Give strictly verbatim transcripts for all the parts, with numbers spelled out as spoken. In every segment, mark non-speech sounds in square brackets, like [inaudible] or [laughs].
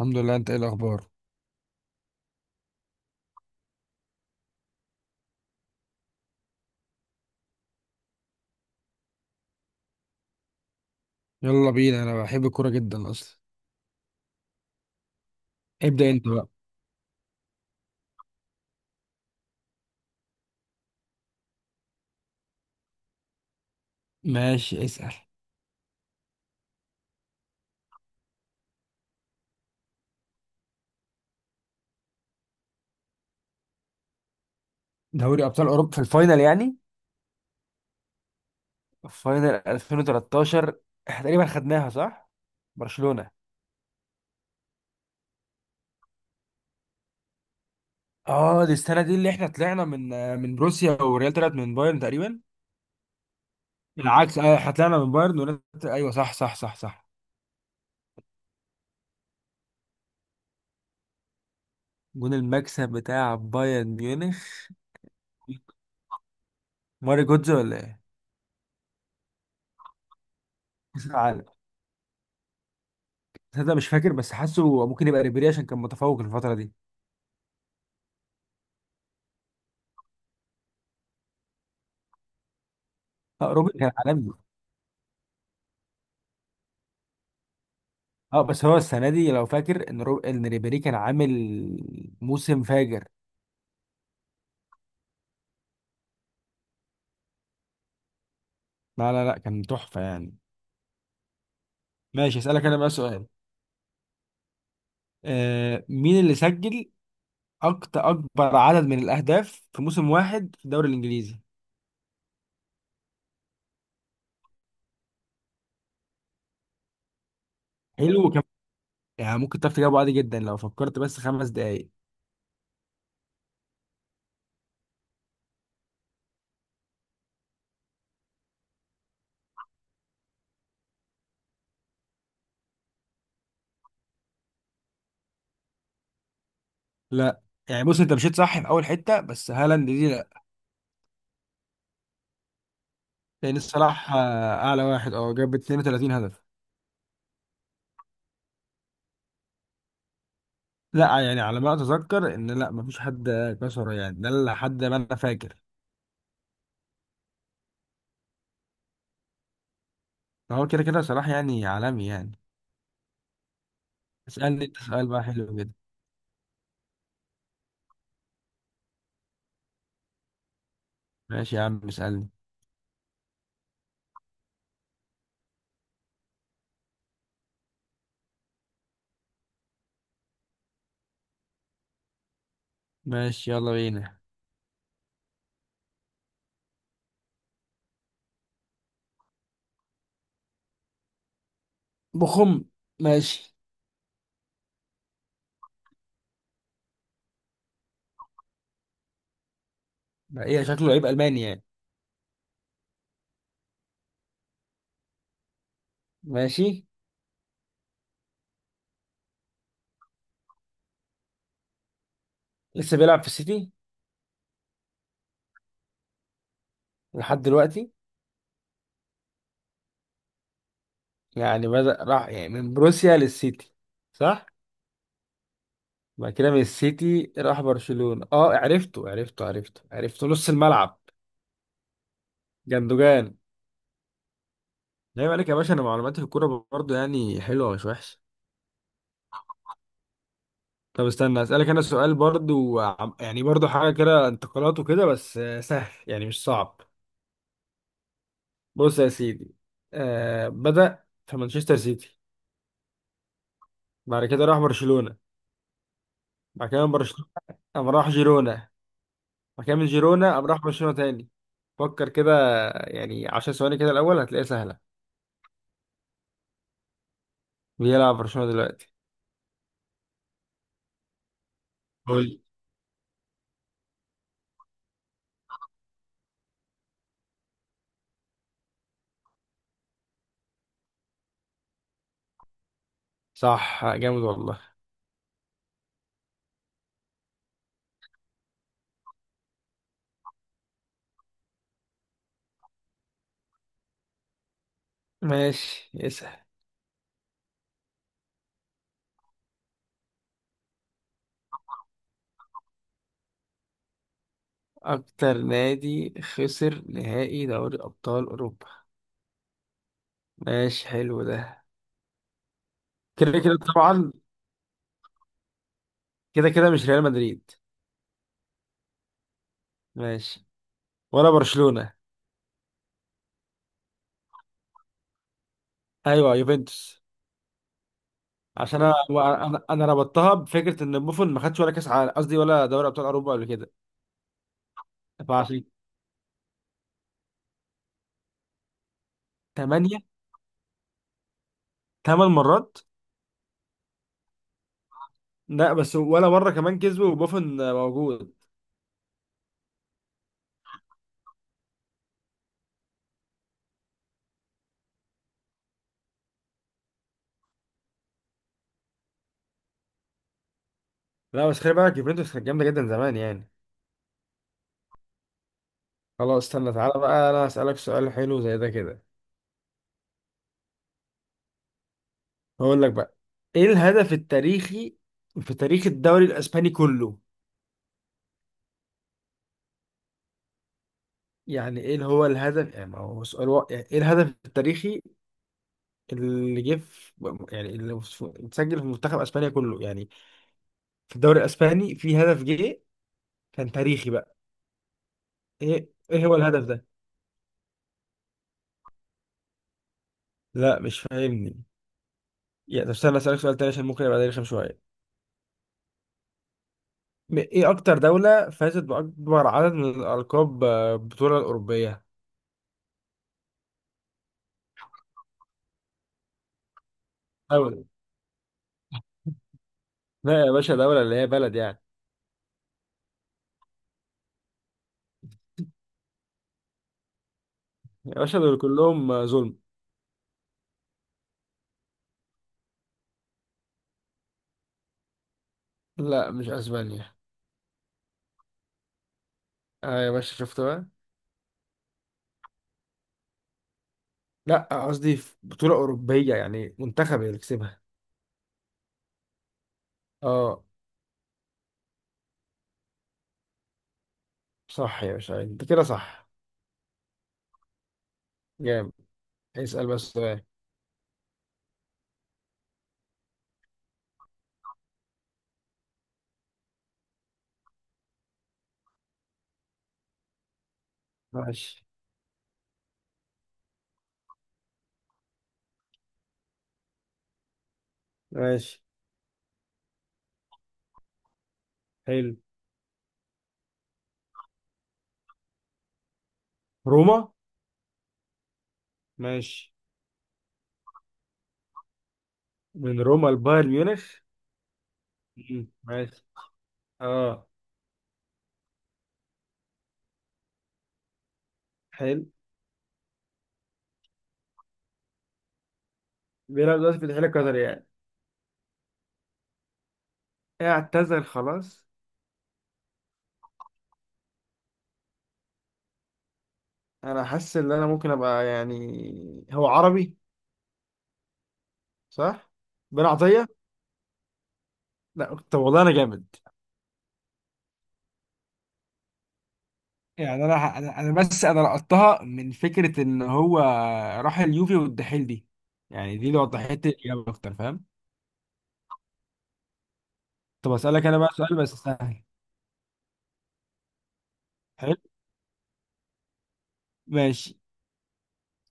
الحمد لله، انت ايه الاخبار؟ يلا بينا، انا بحب الكوره جدا اصلا. ابدا انت بقى. ماشي، اسأل. دوري أبطال أوروبا في الفاينل يعني. فاينل ألفين وتلتاشر، احنا تقريبا خدناها صح؟ برشلونة. اه دي السنة دي اللي احنا طلعنا من من بروسيا والريال طلعت من بايرن تقريبا. بالعكس، اه احنا طلعنا من بايرن والريال طلع- ايوه صح صح صح صح. جون المكسب بتاع بايرن ميونخ. ماري جودز ولا ايه؟ كأس العالم. تصدق مش فاكر، بس حاسه ممكن يبقى ريبيري عشان كان متفوق الفترة دي. اه روبن كان عالمي. اه بس هو السنه دي لو فاكر ان رو... ان ريبيري كان عامل موسم فاجر. لا لا لا، كان تحفه يعني. ماشي، اسالك انا بقى سؤال. آه، مين اللي سجل اكتر اكبر عدد من الاهداف في موسم واحد في الدوري الانجليزي؟ حلو كم. يعني ممكن تعرف تجاوبه عادي جدا لو فكرت بس خمس دقائق. لا. يعني بص، انت مشيت صح في اول حته، بس هالاند دي لا. لان الصلاح آه، اعلى واحد، اه جاب 32 هدف. لا يعني على ما اتذكر ان لا، مفيش حد كسره يعني. ده اللي حد ما انا فاكر. هو كده كده صلاح يعني عالمي يعني. اسألني انت سؤال بقى حلو كده. ماشي يا عم، اسألني. ماشي يلا بينا. بخم. ماشي. بقى ايه شكله لعيب ألماني يعني. ماشي. لسه بيلعب في السيتي؟ لحد دلوقتي. يعني بدأ راح يعني من بروسيا للسيتي. صح. بعد كده من السيتي راح برشلونة. اه، عرفته عرفته عرفته عرفته نص الملعب. جندوجان. لا عليك يا باشا، انا معلوماتي في الكورة برضه يعني حلوة مش وحشة. طب استنى اسالك انا سؤال برضو عم- يعني برضو حاجه كده انتقالات وكده، بس آه، سهل يعني مش صعب. بص يا سيدي. آه، بدا في مانشستر سيتي. بعد كده راح برشلونه. بعد كده من برشلونه قام راح جيرونا. بعد كده من جيرونا قام راح برشلونه تاني. فكر كده. يعني 10 ثواني كده الاول هتلاقيها سهله. بيلعب برشلونه دلوقتي. قول. صح، جامد والله. ماشي. اسأل. أكتر نادي خسر نهائي دوري أبطال أوروبا. ماشي حلو ده. كده كده طبعا. كده كده، مش ريال مدريد. ماشي. ولا برشلونة. ايوه، يوفنتوس. عشان انا، انا انا ربطتها بفكره ان بوفون ما خدش ولا كاس عالم، قصدي ولا دوري ابطال اوروبا قبل كده. فعشان. ثمانيه. ثمان مرات. لا بس ولا مره كمان كسبوا وبوفون موجود. لا بس خلي بالك، يوفنتوس كانت جامده جدا زمان يعني. خلاص استنى، تعالى بقى انا اسالك سؤال حلو زي ده كده. هقول لك بقى. ايه الهدف التاريخي في تاريخ الدوري الاسباني كله؟ يعني ايه اللي هو الهدف؟ يعني ما هو سؤال واقع. يعني ايه الهدف التاريخي اللي جه في، يعني اللي في- اتسجل في منتخب اسبانيا كله يعني. في الدوري الاسباني في هدف جه كان تاريخي بقى. ايه ايه هو الهدف ده؟ لا مش فاهمني. يعني طب استنى اسالك سؤال تاني عشان ممكن يبقى ده رخم شويه. م- ايه اكتر دوله فازت باكبر عدد من الالقاب، آه، بطوله الاوروبيه؟ دولة. لا يا باشا، دولة اللي هي بلد يعني. يا باشا دول كلهم آه، ظلم. لا مش اسبانيا. اه يا باشا، شفت بقى. لا قصدي في بطولة أوروبية يعني منتخب اللي كسبها. اه. صح يا باشا، انت كده صح. جامد. اسأل بس سؤال. ماشي. ماشي. حلو. روما. ماشي. من روما لبايرن ميونخ. مم. ماشي. اه. حلو. بيلعب دلوقتي في الاتحاد القطري يعني. اعتذر خلاص. انا حاسس ان انا ممكن ابقى، يعني هو عربي. صح. بن عطية. لا طب والله انا جامد. يعني انا ح- انا أنا بس، انا لقطتها من فكره ان هو راح اليوفي والدحيل دي. يعني دي اللي وضحت لي الاجابه اكتر، فاهم. طب اسالك انا بقى سؤال بس سهل. حلو. ماشي.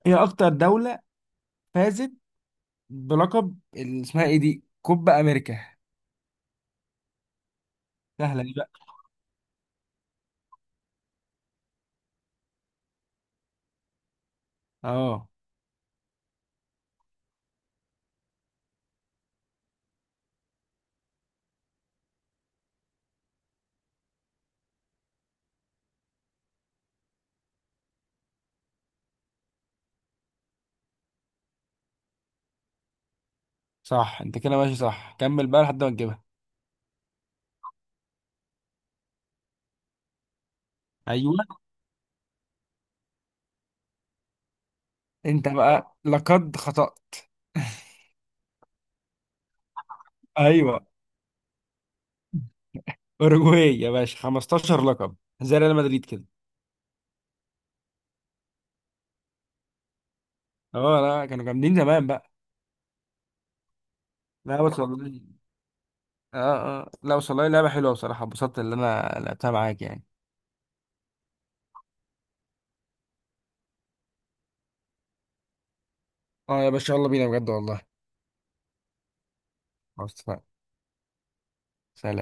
هي اكتر دولة فازت بلقب ال- اسمها ايه دي، كوبا امريكا. سهلة دي بقى. اه. صح انت كده ماشي، صح، كمل بقى لحد ما تجيبها. ايوه. انت بقى لقد خطأت. [laughs] ايوه. اوروجواي يا باشا، 15 لقب زي ريال مدريد كده. اه لا، كانوا جامدين زمان بقى. لا بس والله. اه اه، لا بس والله لعبة حلوة بصراحة، اتبسطت اللي انا لعبتها معاك يعني. اه يا باشا يلا بينا بجد والله. خلاص اتفقنا. سلام.